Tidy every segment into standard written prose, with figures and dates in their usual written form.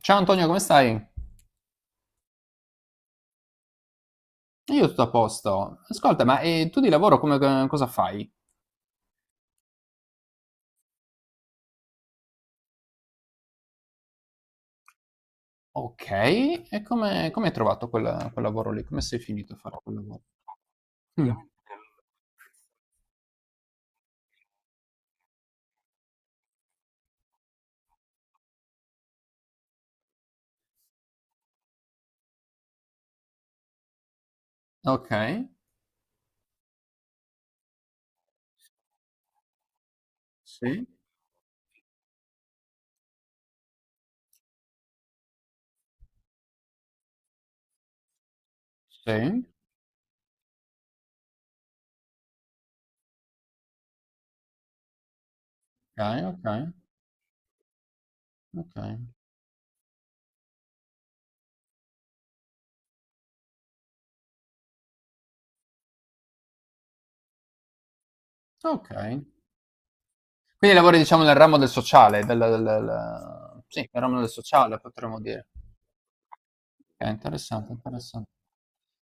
Ciao Antonio, come stai? Io tutto a posto. Ascolta, ma tu di lavoro come, cosa fai? Ok, e come hai trovato quel lavoro lì? Come sei finito a fare quel lavoro? Mm. Ok, sì, sì, ok, ok, ok, ok. Quindi lavori diciamo nel ramo del sociale, sì, nel ramo del sociale potremmo dire. Ok, interessante, interessante.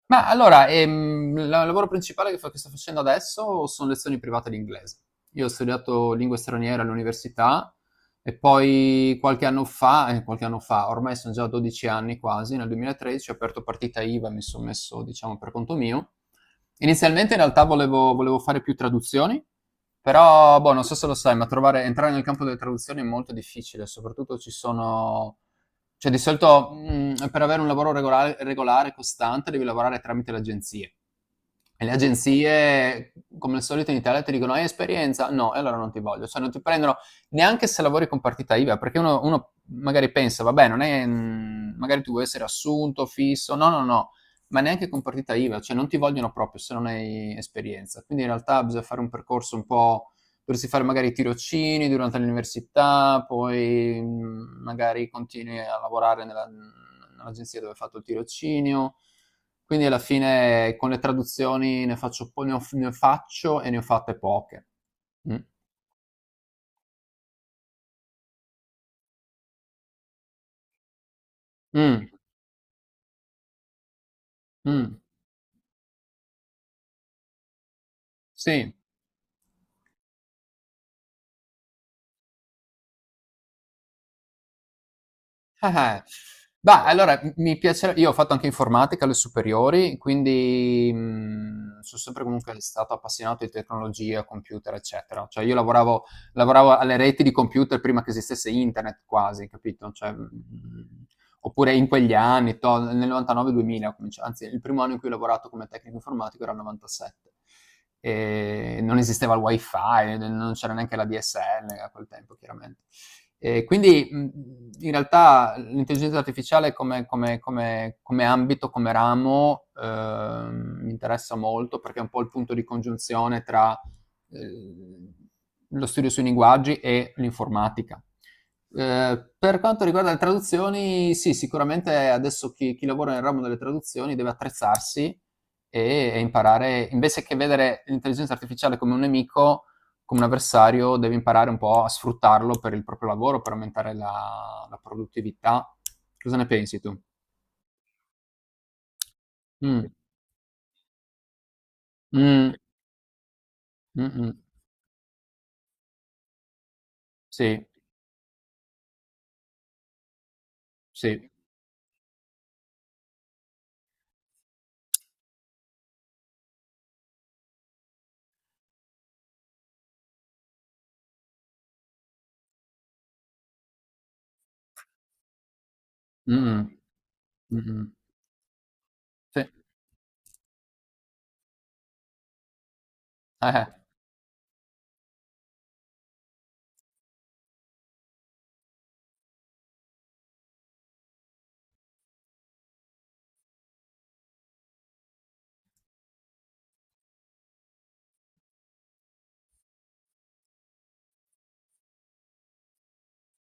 Ma allora, il lavoro principale che sto facendo adesso sono lezioni private di inglese. Io ho studiato lingue straniere all'università e poi qualche anno fa, ormai sono già 12 anni quasi, nel 2013 ho aperto partita IVA e mi sono messo, diciamo, per conto mio. Inizialmente in realtà volevo fare più traduzioni, però boh, non so se lo sai, ma entrare nel campo delle traduzioni è molto difficile, soprattutto ci sono cioè, di solito, per avere un lavoro regolare regolare, costante, devi lavorare tramite le agenzie. E le agenzie, come al solito in Italia, ti dicono: "Hai esperienza? No, e allora non ti voglio." Cioè, non ti prendono neanche se lavori con partita IVA, perché uno magari pensa: "Vabbè, non è mhmm, magari tu vuoi essere assunto, fisso." No, no, no, ma neanche con partita IVA, cioè non ti vogliono proprio se non hai esperienza. Quindi in realtà bisogna fare un percorso un po'. Dovresti fare magari tirocini durante l'università, poi magari continui a lavorare nell'agenzia dove hai fatto il tirocinio. Quindi alla fine con le traduzioni ne faccio e ne ho fatte poche. Mm. Mm. Mm. Sì. Eh-eh. Bah, allora, m mi piace io ho fatto anche informatica alle superiori, quindi, son sempre comunque stato appassionato di tecnologia, computer, eccetera. Cioè io lavoravo alle reti di computer prima che esistesse internet quasi, capito, cioè, oppure in quegli anni, to nel 99, 2000 ho cominci anzi il primo anno in cui ho lavorato come tecnico informatico era il 97. Non esisteva il wifi, n non c'era neanche la DSL a quel tempo chiaramente. E quindi in realtà l'intelligenza artificiale come ambito, come ramo, mi interessa molto perché è un po' il punto di congiunzione tra eh, lo studio sui linguaggi e l'informatica. Per quanto riguarda le traduzioni, sì, sicuramente adesso chi lavora nel ramo delle traduzioni deve attrezzarsi e imparare, invece che vedere l'intelligenza artificiale come un nemico, come un avversario, deve imparare un po' a sfruttarlo per il proprio lavoro, per aumentare la produttività. Cosa ne pensi tu? Mm, mm, mm, mm. Sì, sì, mm, mm, mm, sì, eh,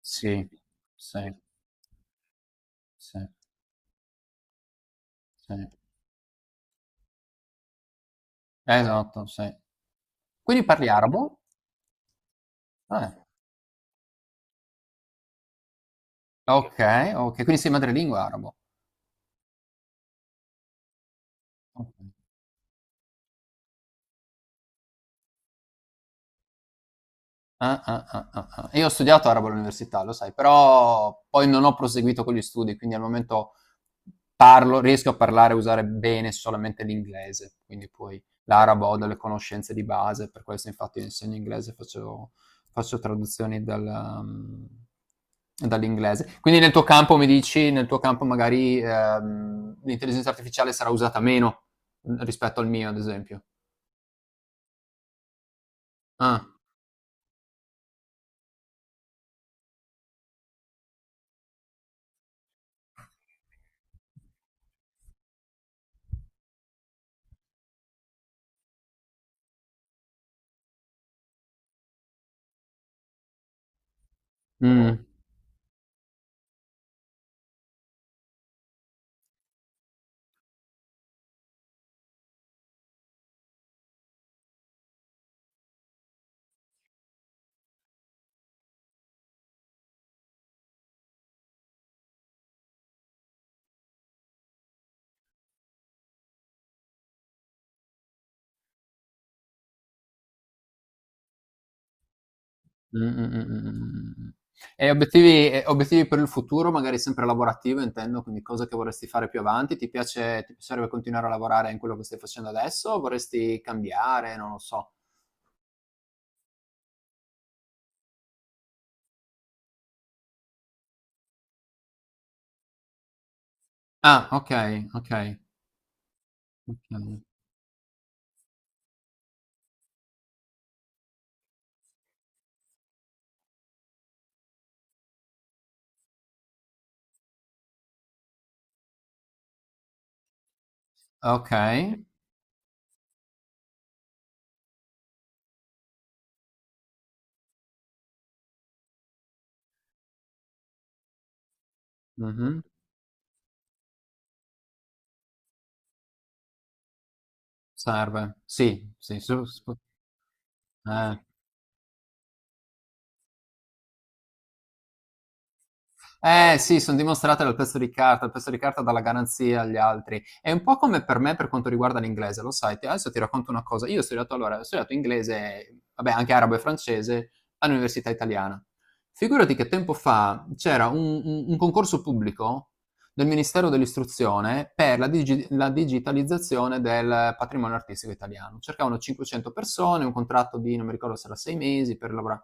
sì, sì, sì, sì. Esatto, sì. Quindi parli arabo? Ah, ok, ok, quindi sei madrelingua arabo. Ok. Ah, ah, ah, ah, ah. Io ho studiato arabo all'università, lo sai, però poi non ho proseguito con gli studi, quindi al momento riesco a parlare e usare bene solamente l'inglese, quindi poi l'arabo ho delle conoscenze di base, per questo infatti io insegno inglese, faccio traduzioni dall'inglese. Quindi nel tuo campo mi dici, nel tuo campo magari l'intelligenza artificiale sarà usata meno rispetto al mio, ad esempio. Ah, mm. Mh, mh, mh, mh, mh, mh, mh. E obiettivi per il futuro, magari sempre lavorativo intendo, quindi cose che vorresti fare più avanti. Ti piacerebbe continuare a lavorare in quello che stai facendo adesso o vorresti cambiare? Non lo so. Ah, okay, okay, okay. Okay. Mh-mh. Serve. Sì, sì, su sp eh. Eh sì, son dimostrate dal pezzo di carta, il pezzo di carta dà la garanzia agli altri. È un po' come per me per quanto riguarda l'inglese, lo sai? Ti Adesso ti racconto una cosa: io ho studiato allora, ho studiato inglese, vabbè anche arabo e francese, all'università italiana. Figurati che tempo fa c'era un concorso pubblico del Ministero dell'istruzione per la digitalizzazione del patrimonio artistico italiano. Cercavano 500 persone, un contratto di non mi ricordo se era 6 mesi per lavora.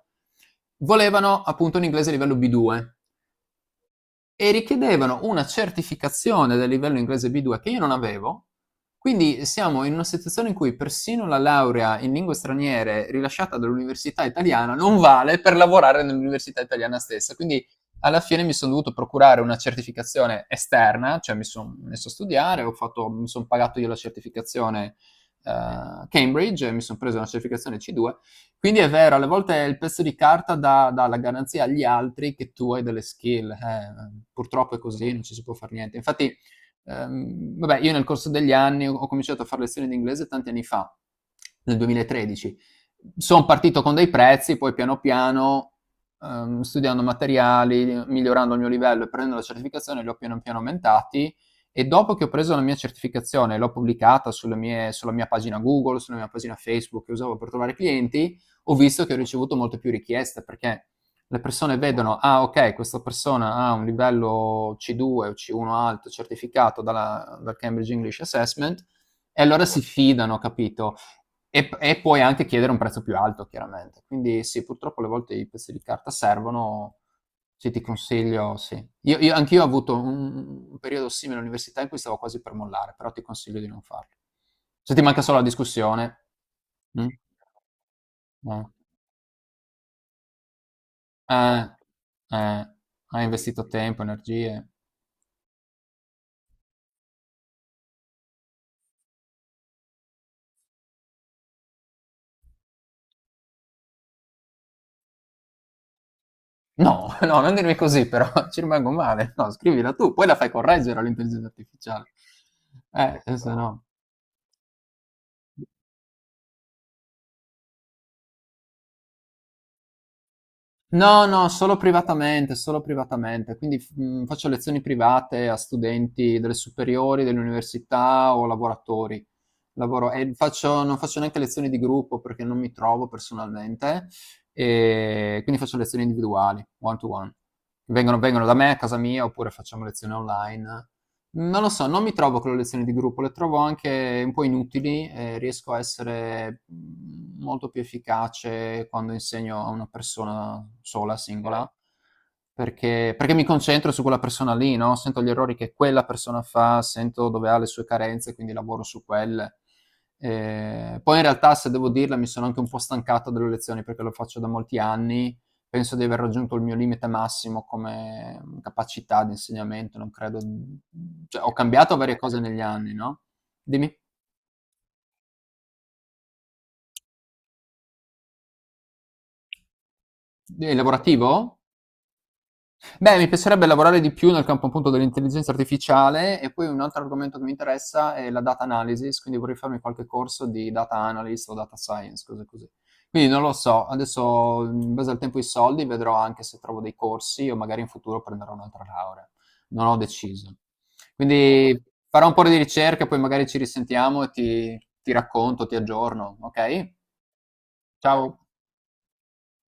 Volevano appunto un inglese livello B2 e richiedevano una certificazione del livello inglese B2 che io non avevo. Quindi siamo in una situazione in cui persino la laurea in lingue straniere rilasciata dall'università italiana non vale per lavorare nell'università italiana stessa. Quindi alla fine mi sono dovuto procurare una certificazione esterna, cioè mi sono messo a studiare, mi sono pagato io la certificazione Cambridge e mi sono preso una certificazione C2. Quindi è vero, alle volte il pezzo di carta dà la garanzia agli altri che tu hai delle skill. Purtroppo è così, non ci si può fare niente. Infatti, vabbè, io nel corso degli anni ho cominciato a fare lezioni di inglese tanti anni fa, nel 2013. Sono partito con dei prezzi, poi piano piano, studiando materiali, migliorando il mio livello e prendendo la certificazione, li ho piano piano aumentati. E dopo che ho preso la mia certificazione e l'ho pubblicata sulla mia pagina Google, sulla mia pagina Facebook che usavo per trovare clienti, ho visto che ho ricevuto molte più richieste perché le persone vedono, ah ok, questa persona ha un livello C2 o C1 alto certificato dal Cambridge English Assessment e allora si fidano, capito? E puoi anche chiedere un prezzo più alto, chiaramente. Quindi sì, purtroppo alle volte i pezzi di carta servono, sì, ti consiglio, sì. Anch'io ho avuto un, periodo simile all'università in cui stavo quasi per mollare, però ti consiglio di non farlo. Se ti manca solo la discussione, mm? No. Eh, eh, hai investito tempo, energie. No, no, non dirmi così, però ci rimango male. No, scrivila tu, poi la fai correggere all'intelligenza artificiale. Se no. No, no, solo privatamente, solo privatamente. Quindi faccio lezioni private a studenti delle superiori, delle università o lavoratori. Lavoro, e non faccio neanche lezioni di gruppo perché non mi trovo personalmente, e quindi faccio lezioni individuali, one to one. Vengono da me a casa mia oppure facciamo lezioni online. Non lo so, non mi trovo con le lezioni di gruppo, le trovo anche un po' inutili, riesco a essere molto più efficace quando insegno a una persona sola, singola, perché mi concentro su quella persona lì, no? Sento gli errori che quella persona fa, sento dove ha le sue carenze, quindi lavoro su quelle. Poi in realtà, se devo dirla, mi sono anche un po' stancato delle lezioni perché lo faccio da molti anni. Penso di aver raggiunto il mio limite massimo come capacità di insegnamento, non credo... Cioè, ho cambiato varie cose negli anni, no? Dimmi. È lavorativo? Beh, mi piacerebbe lavorare di più nel campo appunto dell'intelligenza artificiale e poi un altro argomento che mi interessa è la data analysis, quindi vorrei farmi qualche corso di data analyst o data science, cose così. Quindi non lo so, adesso in base al tempo e ai soldi vedrò anche se trovo dei corsi o magari in futuro prenderò un'altra laurea. Non ho deciso. Quindi farò un po' di ricerca, poi magari ci risentiamo e ti racconto, ti aggiorno, ok? Ciao.